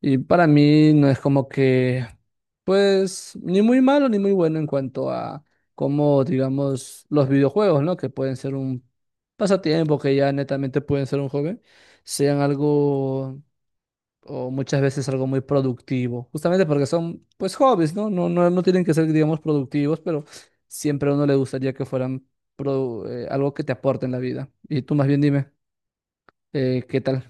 Y para mí no es como que, pues, ni muy malo ni muy bueno en cuanto a cómo, digamos, los videojuegos, ¿no? Que pueden ser un pasatiempo, que ya netamente pueden ser un hobby, sean algo, o muchas veces algo muy productivo, justamente porque son, pues, hobbies, ¿no? No, no, no tienen que ser, digamos, productivos, pero siempre a uno le gustaría que fueran algo que te aporte en la vida. Y tú más bien dime, ¿qué tal?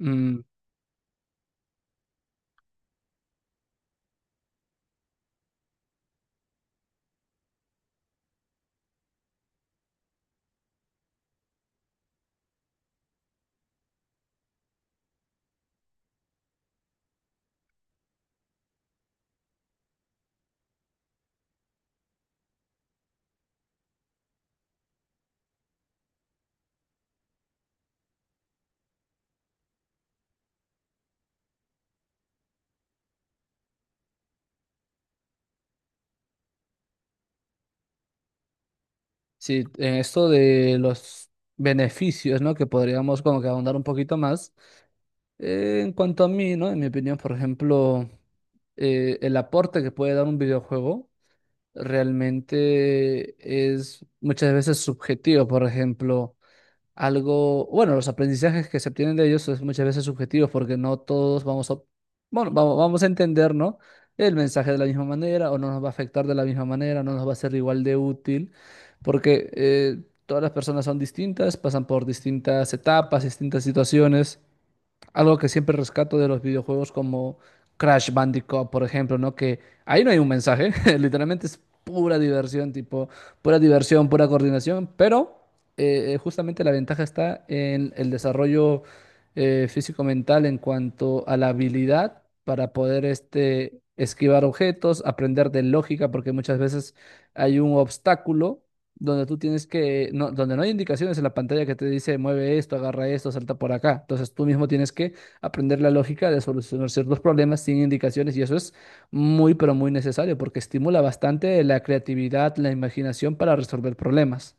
Mm. Sí, en esto de los beneficios, ¿no? Que podríamos como que ahondar un poquito más. En cuanto a mí, ¿no? En mi opinión, por ejemplo, el aporte que puede dar un videojuego realmente es muchas veces subjetivo. Por ejemplo, algo, bueno, los aprendizajes que se obtienen de ellos es muchas veces subjetivos porque no todos vamos a, bueno, vamos a entender, ¿no? El mensaje de la misma manera o no nos va a afectar de la misma manera, no nos va a ser igual de útil porque todas las personas son distintas, pasan por distintas etapas, distintas situaciones. Algo que siempre rescato de los videojuegos como Crash Bandicoot, por ejemplo, ¿no? Que ahí no hay un mensaje, literalmente es pura diversión, tipo, pura diversión, pura coordinación, pero justamente la ventaja está en el desarrollo físico-mental en cuanto a la habilidad para poder este, esquivar objetos, aprender de lógica, porque muchas veces hay un obstáculo donde tú tienes que, no, donde no hay indicaciones en la pantalla que te dice mueve esto, agarra esto, salta por acá. Entonces tú mismo tienes que aprender la lógica de solucionar ciertos problemas sin indicaciones y eso es muy, pero muy necesario porque estimula bastante la creatividad, la imaginación para resolver problemas.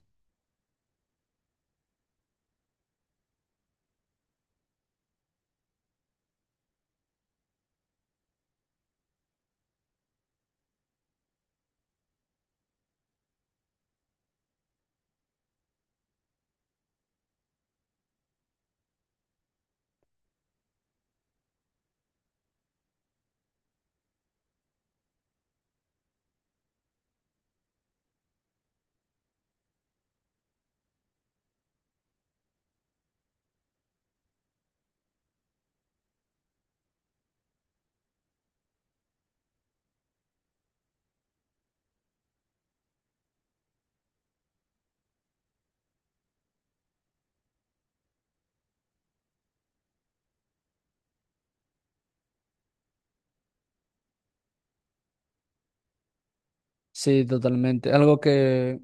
Sí, totalmente. Algo que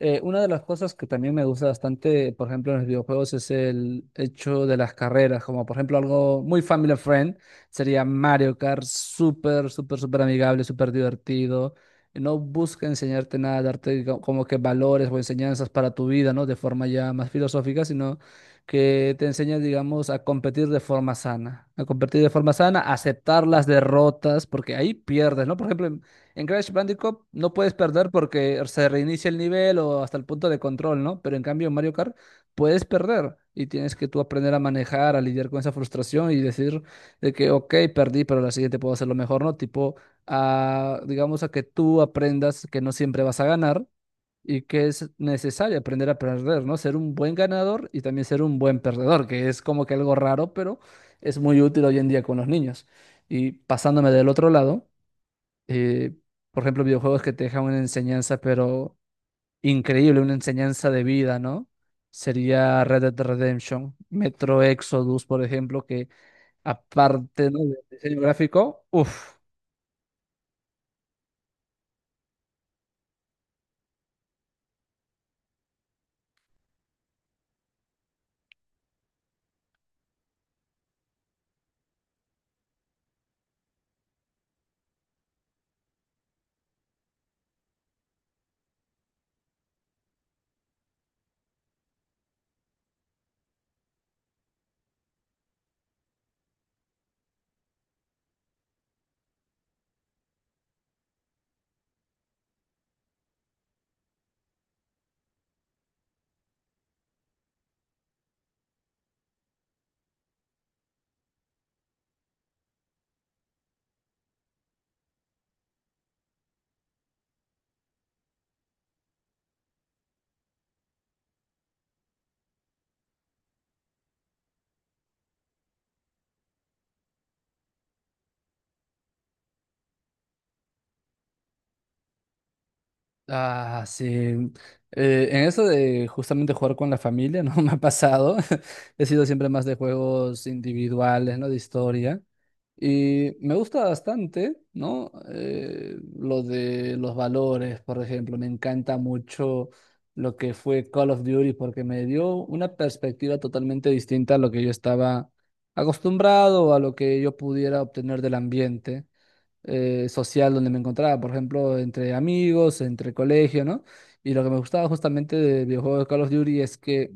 Una de las cosas que también me gusta bastante, por ejemplo, en los videojuegos es el hecho de las carreras, como por ejemplo algo muy family friend, sería Mario Kart, súper, súper, súper amigable, súper divertido. No busca enseñarte nada, como que valores o enseñanzas para tu vida, ¿no? De forma ya más filosófica, sino que te enseña, digamos, a competir de forma sana, a competir de forma sana, a aceptar las derrotas, porque ahí pierdes, ¿no? Por ejemplo, en Crash Bandicoot no puedes perder porque se reinicia el nivel o hasta el punto de control, ¿no? Pero en cambio en Mario Kart puedes perder y tienes que tú aprender a manejar, a lidiar con esa frustración y decir de que, ok, perdí, pero la siguiente puedo hacerlo mejor, ¿no? Tipo, a, digamos a que tú aprendas que no siempre vas a ganar y que es necesario aprender a perder, ¿no? Ser un buen ganador y también ser un buen perdedor, que es como que algo raro, pero es muy útil hoy en día con los niños. Y pasándome del otro lado eh, por ejemplo, videojuegos que te dejan una enseñanza, pero increíble, una enseñanza de vida, ¿no? Sería Red Dead Redemption, Metro Exodus, por ejemplo, que aparte, ¿no? del diseño gráfico, uff. Ah, sí. En eso de justamente jugar con la familia, no me ha pasado. He sido siempre más de juegos individuales, ¿no? De historia. Y me gusta bastante, ¿no? Lo de los valores, por ejemplo. Me encanta mucho lo que fue Call of Duty porque me dio una perspectiva totalmente distinta a lo que yo estaba acostumbrado, a lo que yo pudiera obtener del ambiente social donde me encontraba, por ejemplo, entre amigos, entre colegio, ¿no? Y lo que me gustaba justamente de videojuegos de Call of Duty es que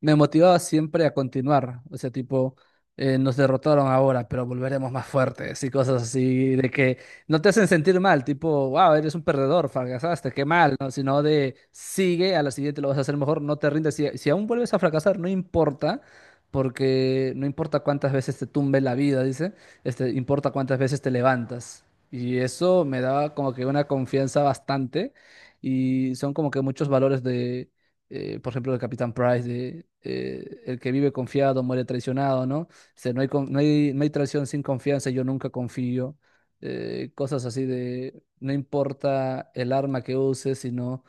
me motivaba siempre a continuar. O sea, tipo, nos derrotaron ahora, pero volveremos más fuertes y cosas así, de que no te hacen sentir mal, tipo, wow, eres un perdedor, fracasaste, qué mal, ¿no? Sino de sigue, a la siguiente lo vas a hacer mejor, no te rindes. Si aún vuelves a fracasar, no importa. Porque no importa cuántas veces te tumbe la vida, dice, este, importa cuántas veces te levantas. Y eso me daba como que una confianza bastante y son como que muchos valores de por ejemplo, el Capitán Price, de, el que vive confiado muere traicionado, ¿no? O sea, no hay traición sin confianza, yo nunca confío. Cosas así de, no importa el arma que uses, sino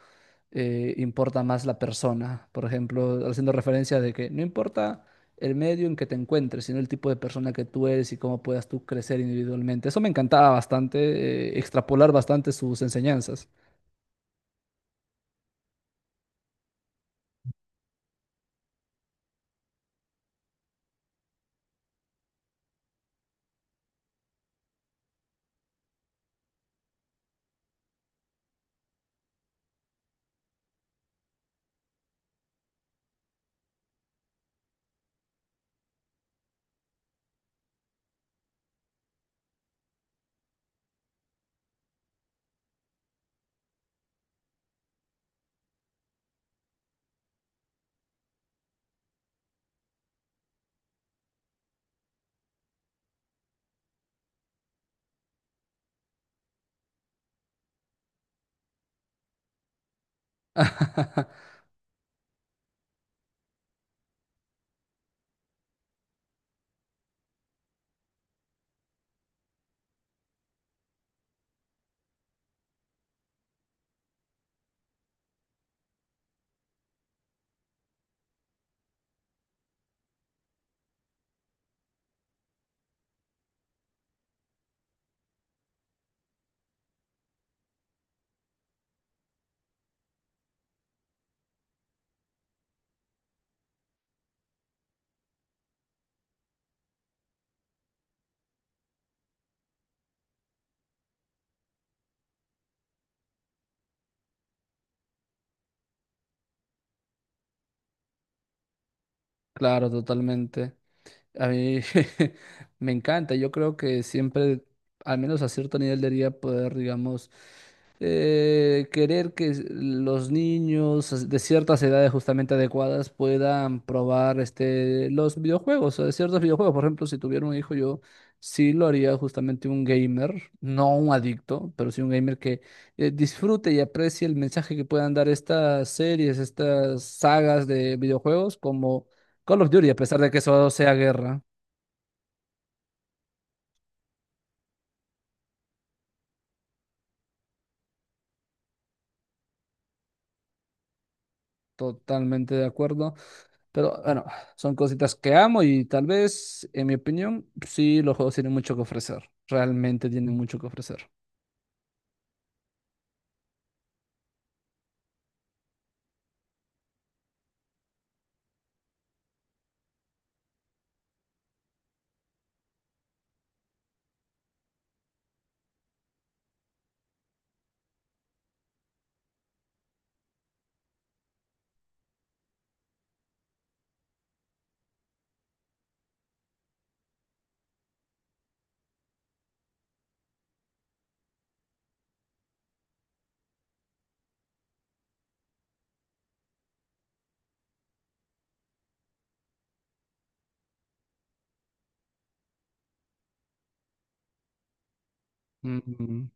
importa más la persona. Por ejemplo, haciendo referencia de que no importa el medio en que te encuentres, sino el tipo de persona que tú eres y cómo puedas tú crecer individualmente. Eso me encantaba bastante, extrapolar bastante sus enseñanzas. Claro, totalmente. A mí me encanta, yo creo que siempre, al menos a cierto nivel, debería poder, digamos, querer que los niños de ciertas edades justamente adecuadas puedan probar este, los videojuegos, o de ciertos videojuegos. Por ejemplo, si tuviera un hijo, yo sí lo haría justamente un gamer, no un adicto, pero sí un gamer que disfrute y aprecie el mensaje que puedan dar estas series, estas sagas de videojuegos, como Call of Duty, a pesar de que eso sea guerra, totalmente de acuerdo. Pero bueno, son cositas que amo y tal vez, en mi opinión, sí, los juegos tienen mucho que ofrecer. Realmente tienen mucho que ofrecer. Ujú.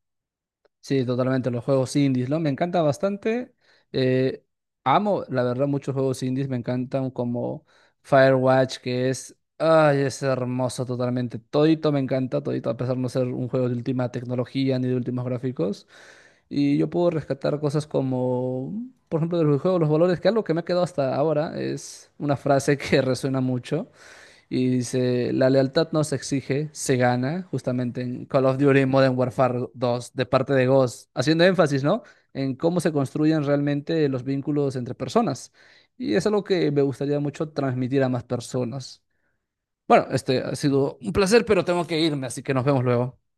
Sí, totalmente, los juegos indies, ¿no? Me encanta bastante. eh, Amo, la verdad, muchos juegos indies. Me encantan como Firewatch, que es... Ay, es hermoso totalmente. Todito me encanta, todito, a pesar de no ser un juego de última tecnología ni de últimos gráficos. Y yo puedo rescatar cosas como, por ejemplo, del juego Los Valores, que algo que me ha quedado hasta ahora es una frase que resuena mucho. Y dice, la lealtad no se exige, se gana, justamente en Call of Duty Modern Warfare 2, de parte de Ghost, haciendo énfasis, ¿no? En cómo se construyen realmente los vínculos entre personas. Y es algo que me gustaría mucho transmitir a más personas. Bueno, este ha sido un placer, pero tengo que irme, así que nos vemos luego.